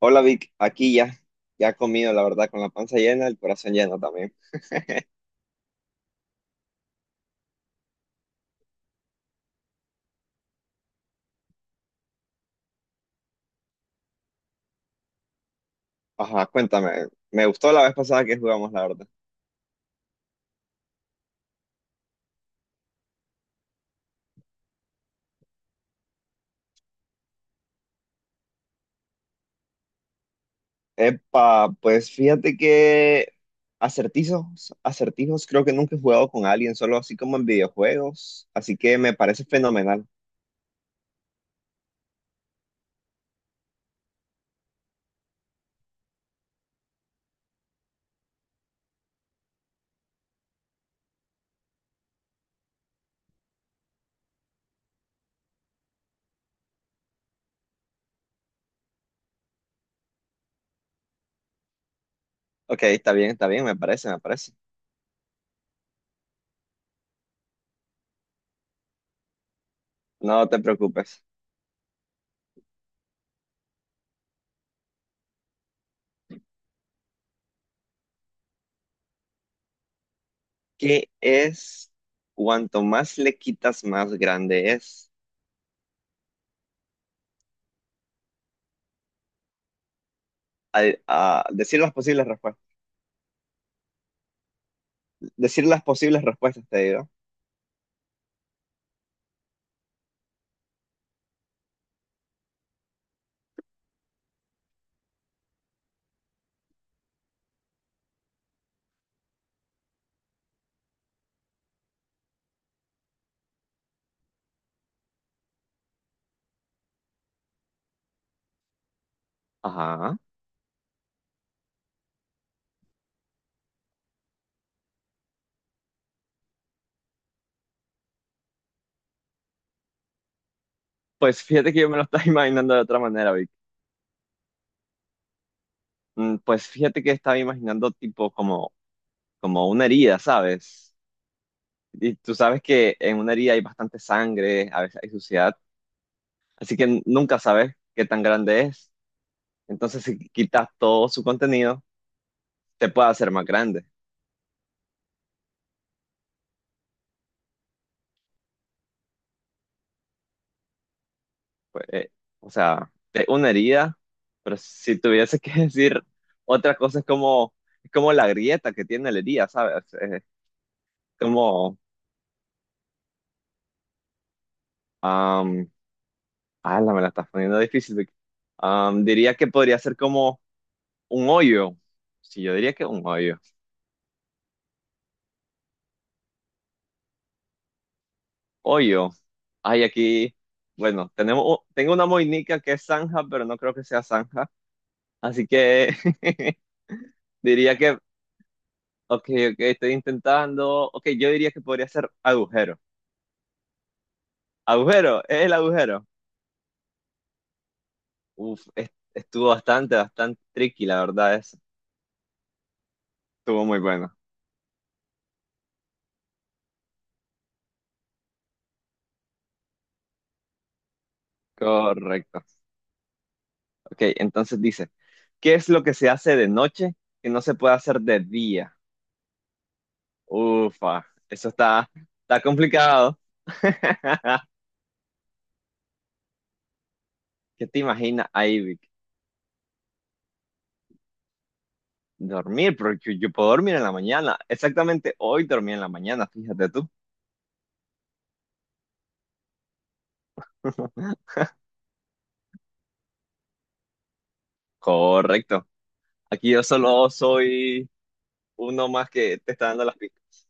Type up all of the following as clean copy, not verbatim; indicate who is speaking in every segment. Speaker 1: Hola Vic, aquí ya, ya comido, la verdad, con la panza llena, el corazón lleno también. Ajá, cuéntame, me gustó la vez pasada que jugamos, la verdad. Epa, pues fíjate que acertijos creo que nunca he jugado con alguien, solo así como en videojuegos, así que me parece fenomenal. Ok, está bien, me parece. No te preocupes. ¿Qué es cuanto más le quitas, más grande es? A decir las posibles respuestas, decir las posibles respuestas, te digo. Ajá. Pues fíjate que yo me lo estaba imaginando de otra manera, Vic. Pues fíjate que estaba imaginando como una herida, ¿sabes? Y tú sabes que en una herida hay bastante sangre, a veces hay suciedad, así que nunca sabes qué tan grande es. Entonces, si quitas todo su contenido, te puede hacer más grande. Pues, o sea, es una herida, pero si tuviese que decir otra cosa es es como la grieta que tiene la herida, ¿sabes? Es como... Ala, me la estás poniendo difícil. Vic. Diría que podría ser como un hoyo. Sí, yo diría que un hoyo. Hoyo. Ay, aquí. Bueno, tengo una moinica que es zanja, pero no creo que sea zanja. Así que diría que, ok, ok, estoy intentando. Ok, yo diría que podría ser agujero. Agujero, es el agujero. Uf, estuvo bastante tricky, la verdad es. Estuvo muy bueno. Correcto. Ok, entonces dice. ¿Qué es lo que se hace de noche que no se puede hacer de día? Ufa, está complicado. ¿Qué te imaginas ahí, Vic? Dormir, porque yo, puedo dormir en la mañana. Exactamente hoy dormí en la mañana, fíjate tú. Correcto. Aquí yo solo soy uno más que te está dando las pistas.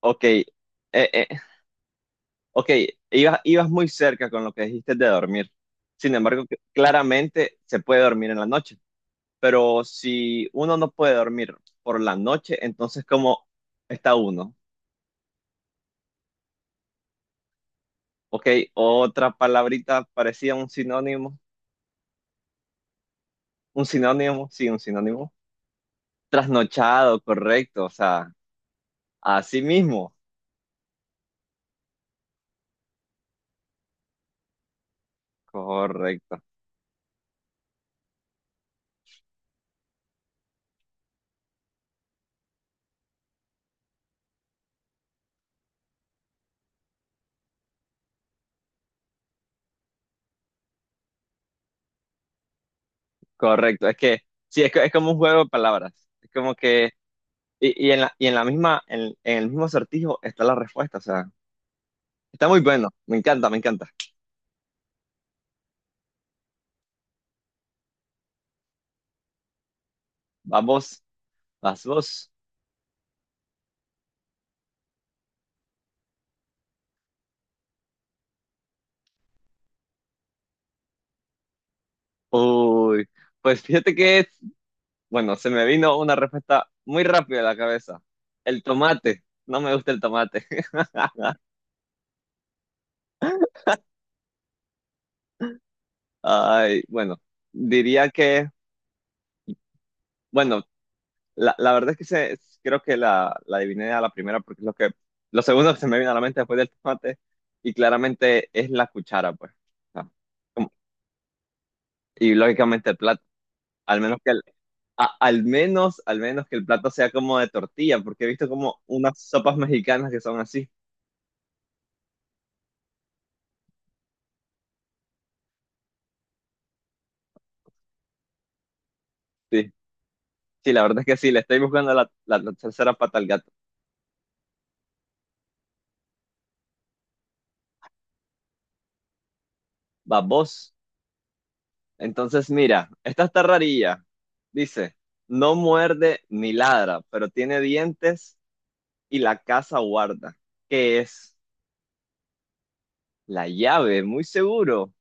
Speaker 1: Ok, eh, ok, ibas muy cerca con lo que dijiste de dormir. Sin embargo, claramente se puede dormir en la noche. Pero si uno no puede dormir por la noche, entonces ¿cómo está uno? Ok, otra palabrita parecía un sinónimo, sí, un sinónimo. Trasnochado, correcto, o sea, así mismo, correcto, correcto. Es que, sí, es como un juego de palabras, es como que, y en la misma, en el mismo acertijo está la respuesta, o sea, está muy bueno, me encanta, me encanta. Vamos, vas vos. Uy, pues fíjate que bueno, se me vino una respuesta muy rápida a la cabeza. El tomate. No me gusta el tomate. Ay, bueno, diría que, bueno, la verdad es que creo que la adiviné a la primera porque es lo segundo que se me vino a la mente después del tomate y claramente es la cuchara, pues. O sea, como- y lógicamente el plato, al menos que el, al menos que el plato sea como de tortilla, porque he visto como unas sopas mexicanas que son así. Sí. Sí, la verdad es que sí, le estoy buscando la tercera pata al gato. Va vos. Entonces, mira, esta está rarilla. Dice, no muerde ni ladra, pero tiene dientes y la casa guarda. ¿Qué es? La llave, muy seguro.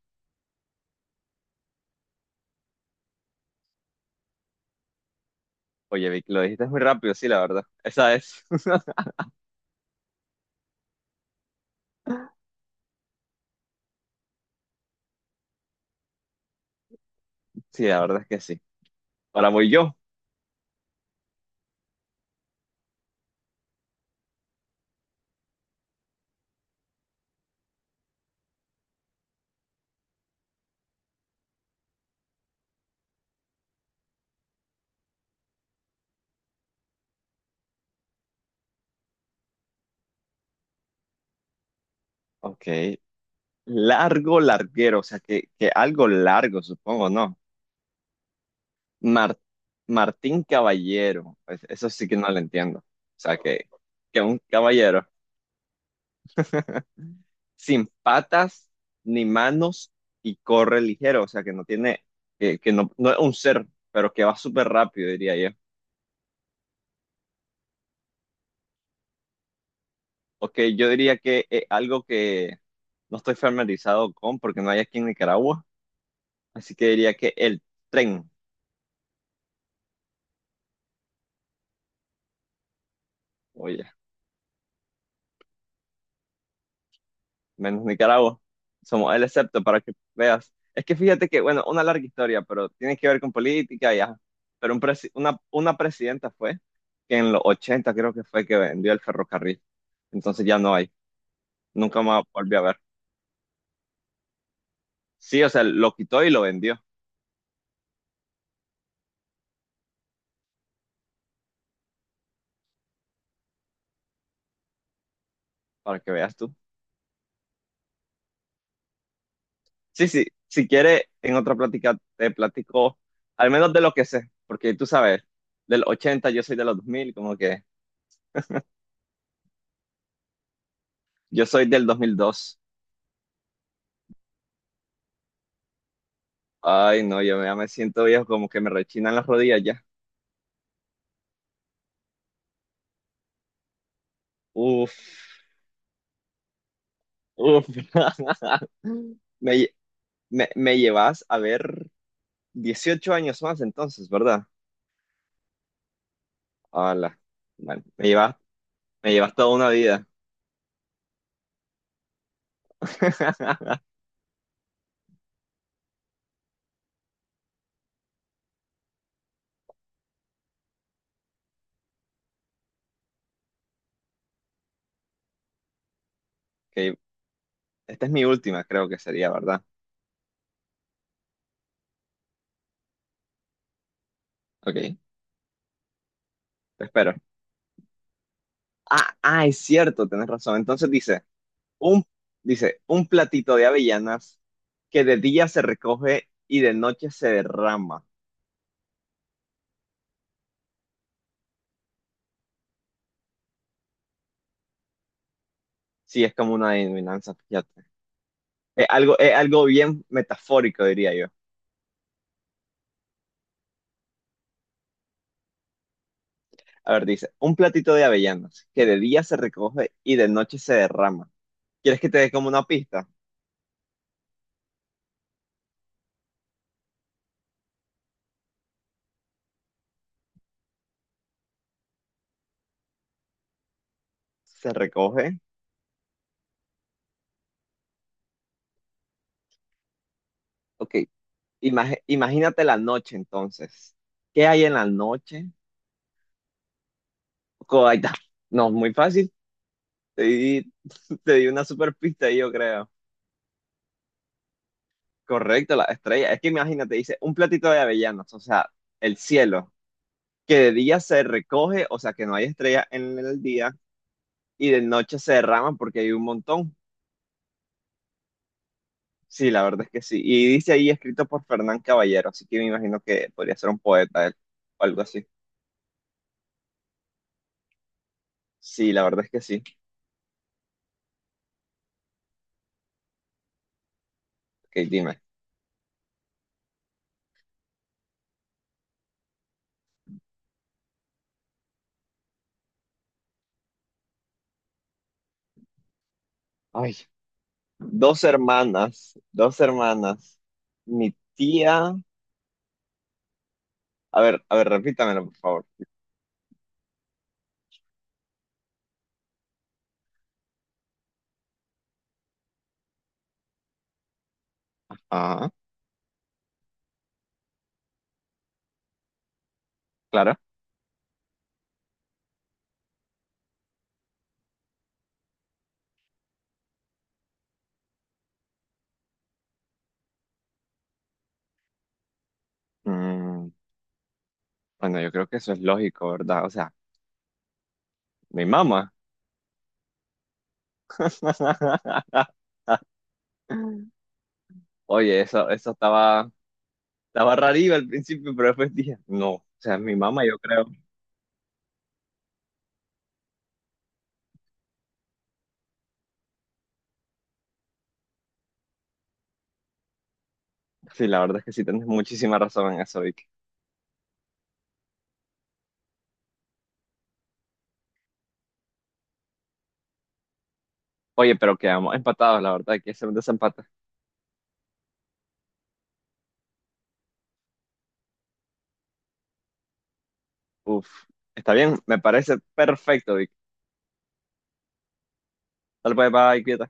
Speaker 1: Oye, Vic, lo dijiste muy rápido, sí, la verdad. Esa es. Sí, la verdad es que sí. Ahora voy yo. Ok. Largo, larguero, o sea, que algo largo, supongo, ¿no? Mar- Martín Caballero, pues, eso sí que no lo entiendo. O sea, que un caballero sin patas ni manos y corre ligero, o sea, que no tiene, que no, no es un ser, pero que va súper rápido, diría yo. Ok, yo diría que es algo que no estoy familiarizado con porque no hay aquí en Nicaragua, así que diría que el tren. Oye, menos Nicaragua. Somos el excepto para que veas. Es que fíjate que, bueno, una larga historia, pero tiene que ver con política y ajá. Pero una presidenta fue que en los 80 creo que fue que vendió el ferrocarril. Entonces ya no hay. Nunca más volví a ver. Sí, o sea, lo quitó y lo vendió, para que veas tú. Sí, sí, si quiere, en otra plática te platico, al menos de lo que sé, porque tú sabes, del 80 yo soy de los 2000, como que yo soy del 2002. Ay, no, yo ya me siento viejo, como que me rechinan las rodillas ya. Uf, uf. Me, lle- me llevas a ver 18 años más entonces, ¿verdad? Hola. Bueno, me llevas toda una vida. Ok, esta es mi última, creo que sería, ¿verdad? Ok, te espero. Ah, ah, es cierto, tenés razón. Entonces dice, un, un platito de avellanas que de día se recoge y de noche se derrama. Sí, es como una adivinanza, fíjate. Es algo bien metafórico, diría yo. A ver, dice, un platito de avellanas que de día se recoge y de noche se derrama. ¿Quieres que te dé como una pista? Se recoge. Ok, imagínate la noche entonces. ¿Qué hay en la noche? Co- ahí está. No, muy fácil. Te di, te di una super pista ahí, yo creo. Correcto, la estrella. Es que imagínate, dice, un platito de avellanas, o sea, el cielo, que de día se recoge, o sea, que no hay estrellas en el día, y de noche se derrama porque hay un montón. Sí, la verdad es que sí. Y dice ahí escrito por Fernán Caballero, así que me imagino que podría ser un poeta él, o algo así. Sí, la verdad es que sí. Ok, dime. Ay, dos hermanas. Mi tía. A ver, repítamelo, por favor. Ah, claro. Mm, bueno, yo creo que eso es lógico, ¿verdad? O sea, mi mamá. Oye, estaba rarillo al principio, pero después dije, no, o sea, mi mamá, yo creo. Sí, la verdad es que sí, tienes muchísima razón en eso, Vicky. Oye, pero quedamos empatados, la verdad, hay que hacer un desempate. Uf, está bien, me parece perfecto, Vicky. Tal vez, bye, cuídate.